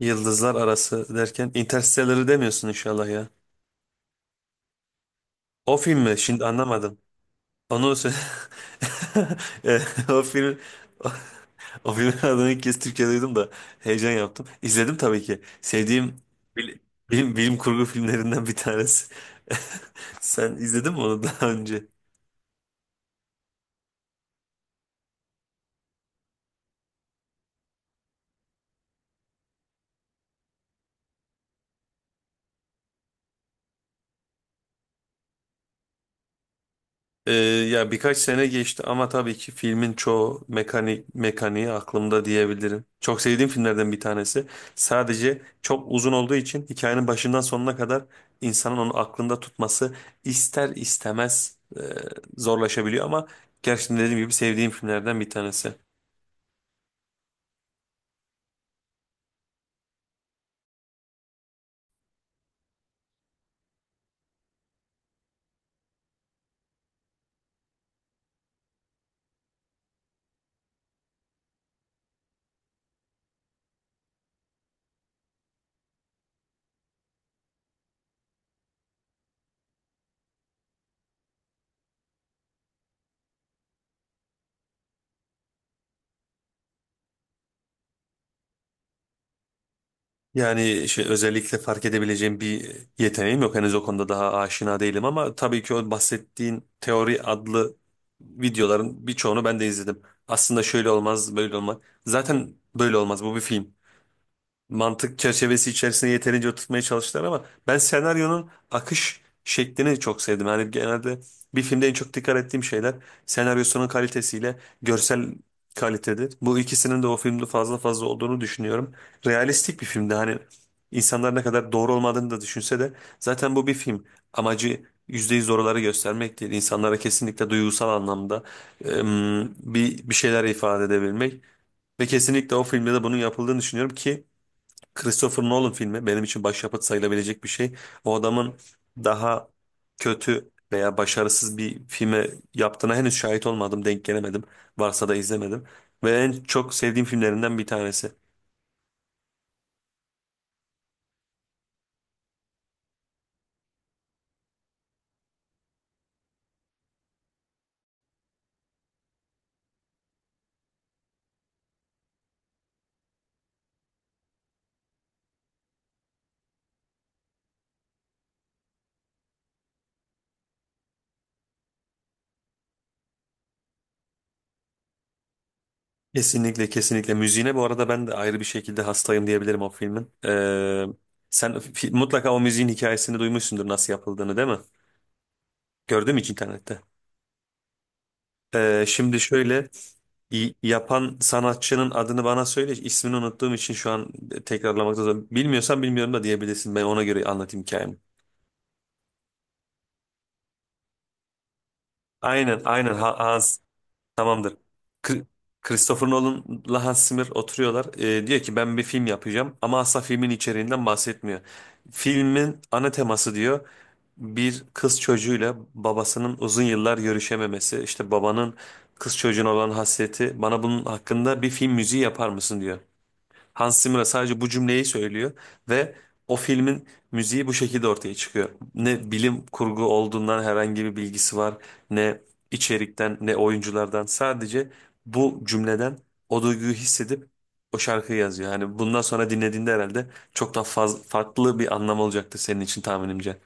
Yıldızlar Arası derken Interstellar'ı demiyorsun inşallah ya. O film mi? Şimdi anlamadım. Onu sö- E, o film o filmin adını ilk kez Türkçe duydum da heyecan yaptım. İzledim tabii ki. Sevdiğim bil- bilim, bilim kurgu filmlerinden bir tanesi. Sen izledin mi onu daha önce? Ee, ya birkaç sene geçti ama tabii ki filmin çoğu mekaniği aklımda diyebilirim. Çok sevdiğim filmlerden bir tanesi. Sadece çok uzun olduğu için hikayenin başından sonuna kadar insanın onu aklında tutması ister istemez zorlaşabiliyor ama gerçekten dediğim gibi sevdiğim filmlerden bir tanesi. Yani şey, özellikle fark edebileceğim bir yeteneğim yok. Henüz o konuda daha aşina değilim ama tabii ki o bahsettiğin teori adlı videoların birçoğunu ben de izledim. Aslında şöyle olmaz, böyle olmaz. Zaten böyle olmaz. Bu bir film mantık çerçevesi içerisinde yeterince oturtmaya çalıştılar ama ben senaryonun akış şeklini çok sevdim. Yani genelde bir filmde en çok dikkat ettiğim şeyler senaryosunun kalitesiyle görsel kalitedir. Bu ikisinin de o filmde fazla fazla olduğunu düşünüyorum. Realistik bir filmdi. Hani insanlar ne kadar doğru olmadığını da düşünse de zaten bu bir film. Amacı %100 oraları göstermek değil. İnsanlara kesinlikle duygusal anlamda bir şeyler ifade edebilmek. Ve kesinlikle o filmde de bunun yapıldığını düşünüyorum ki Christopher Nolan filmi benim için başyapıt sayılabilecek bir şey. O adamın daha kötü veya başarısız bir filme yaptığına henüz şahit olmadım, denk gelemedim. Varsa da izlemedim. Ve en çok sevdiğim filmlerinden bir tanesi. Kesinlikle kesinlikle. Müziğine bu arada ben de ayrı bir şekilde hastayım diyebilirim o filmin. Mutlaka o müziğin hikayesini duymuşsundur nasıl yapıldığını, değil mi? Gördün mü hiç internette? Şimdi şöyle yapan sanatçının adını bana söyle. İsmini unuttuğum için şu an tekrarlamakta zor. Bilmiyorsan bilmiyorum da diyebilirsin. Ben ona göre anlatayım hikayemi. Aynen aynen Hans, tamamdır. Kri- Christopher Nolan'la Hans Zimmer oturuyorlar. Diyor ki ben bir film yapacağım ama asla filmin içeriğinden bahsetmiyor. Filmin ana teması diyor, bir kız çocuğuyla babasının uzun yıllar görüşememesi. İşte babanın kız çocuğuna olan hasreti. Bana bunun hakkında bir film müziği yapar mısın diyor. Hans Zimmer sadece bu cümleyi söylüyor ve o filmin müziği bu şekilde ortaya çıkıyor. Ne bilim kurgu olduğundan herhangi bir bilgisi var, ne içerikten, ne oyunculardan. Sadece bu cümleden o duyguyu hissedip o şarkıyı yazıyor. Yani bundan sonra dinlediğinde herhalde çok daha farklı bir anlam olacaktır senin için tahminimce.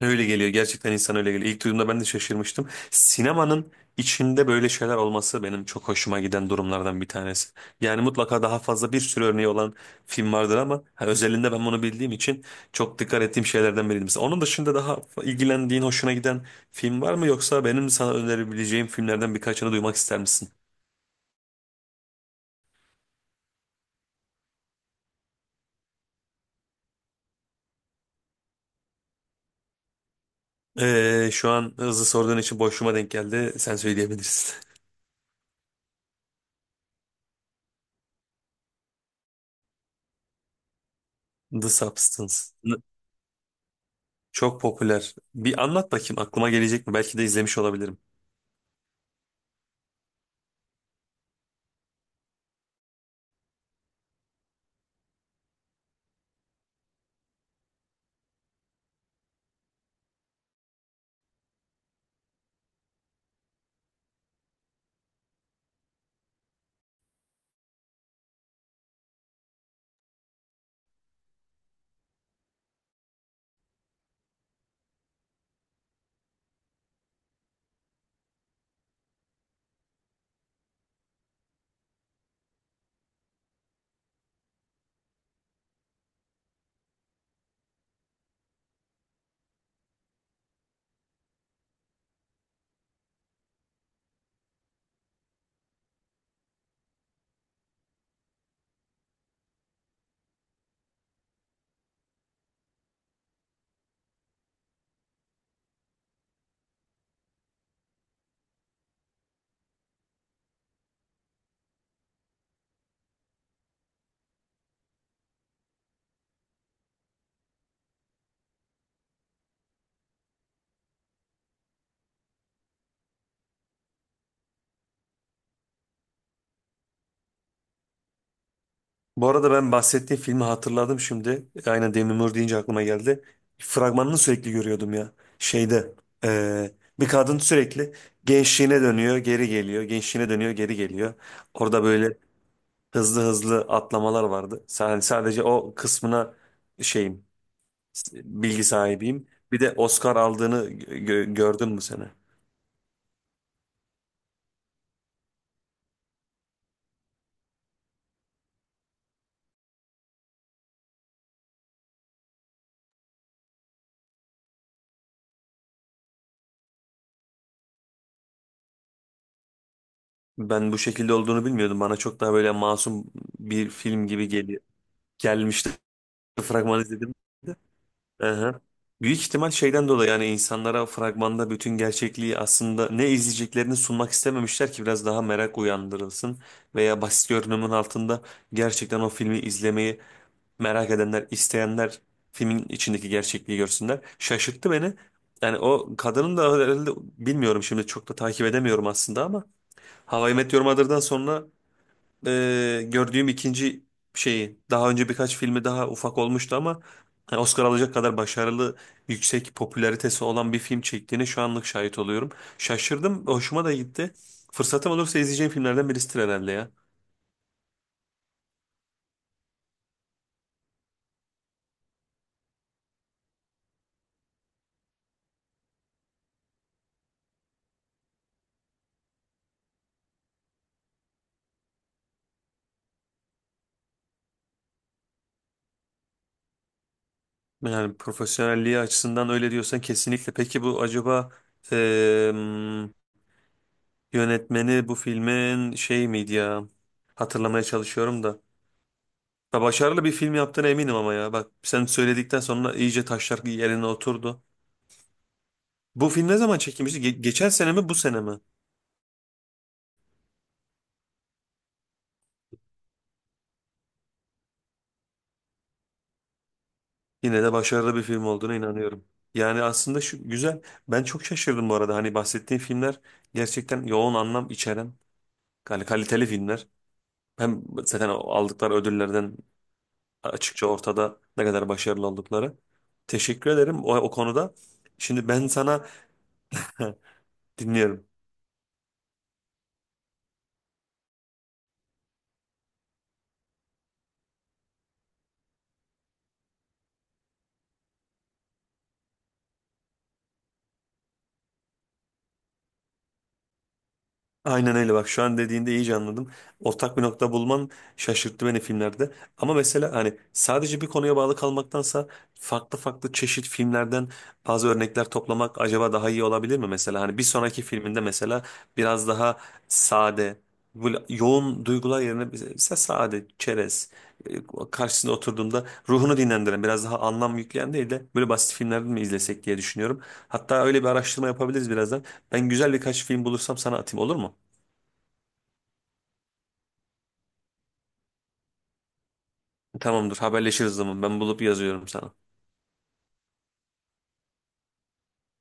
Öyle geliyor. Gerçekten insan öyle geliyor. İlk duyduğumda ben de şaşırmıştım. Sinemanın içinde böyle şeyler olması benim çok hoşuma giden durumlardan bir tanesi. Yani mutlaka daha fazla bir sürü örneği olan film vardır ama ha, özelinde ben bunu bildiğim için çok dikkat ettiğim şeylerden biriydi. Mesela onun dışında daha ilgilendiğin, hoşuna giden film var mı? Yoksa benim sana önerebileceğim filmlerden birkaçını duymak ister misin? Şu an hızlı sorduğun için boşluğuma denk geldi. Sen söyleyebilirsin. The Substance. Çok popüler. Bir anlat bakayım aklıma gelecek mi? Belki de izlemiş olabilirim. Bu arada ben bahsettiğim filmi hatırladım şimdi. Aynen Demi Moore deyince aklıma geldi. Fragmanını sürekli görüyordum ya. Şeyde bir kadın sürekli gençliğine dönüyor, geri geliyor. Gençliğine dönüyor, geri geliyor. Orada böyle hızlı hızlı atlamalar vardı. Yani sadece o kısmına şeyim, bilgi sahibiyim. Bir de Oscar aldığını gördün mü sen? Ben bu şekilde olduğunu bilmiyordum. Bana çok daha böyle masum bir film gibi geliyor. Gelmişti. Fragmanı izledim. Aha. Büyük ihtimal şeyden dolayı yani insanlara fragmanda bütün gerçekliği aslında ne izleyeceklerini sunmak istememişler ki biraz daha merak uyandırılsın. Veya basit görünümün altında gerçekten o filmi izlemeyi merak edenler, isteyenler filmin içindeki gerçekliği görsünler. Şaşırttı beni. Yani o kadının da herhalde bilmiyorum şimdi çok da takip edemiyorum aslında ama How I Met Your Mother'dan sonra gördüğüm ikinci şeyi. Daha önce birkaç filmi daha ufak olmuştu ama hani Oscar alacak kadar başarılı, yüksek popülaritesi olan bir film çektiğine şu anlık şahit oluyorum. Şaşırdım, hoşuma da gitti. Fırsatım olursa izleyeceğim filmlerden birisidir herhalde ya. Yani profesyonelliği açısından öyle diyorsan kesinlikle. Peki bu acaba e, yönetmeni bu filmin şey miydi ya? Hatırlamaya çalışıyorum da. Ya başarılı bir film yaptığına eminim ama ya. Bak sen söyledikten sonra iyice taşlar yerine oturdu. Bu film ne zaman çekilmişti? Geçen sene mi bu sene mi? Yine de başarılı bir film olduğuna inanıyorum. Yani aslında şu güzel. Ben çok şaşırdım bu arada. Hani bahsettiğim filmler gerçekten yoğun anlam içeren yani kaliteli filmler. Hem zaten aldıkları ödüllerden açıkça ortada ne kadar başarılı oldukları. Teşekkür ederim o konuda. Şimdi ben sana dinliyorum. Aynen öyle bak şu an dediğinde iyice anladım. Ortak bir nokta bulman şaşırttı beni filmlerde. Ama mesela hani sadece bir konuya bağlı kalmaktansa farklı farklı çeşit filmlerden bazı örnekler toplamak acaba daha iyi olabilir mi? Mesela hani bir sonraki filminde mesela biraz daha sade, böyle yoğun duygular yerine mesela sade, çerez, e, karşısında oturduğunda ruhunu dinlendiren biraz daha anlam yükleyen değil de böyle basit filmlerden mi izlesek diye düşünüyorum. Hatta öyle bir araştırma yapabiliriz birazdan. Ben güzel birkaç film bulursam sana atayım, olur mu? Tamamdır, haberleşiriz zaman. Ben bulup yazıyorum sana.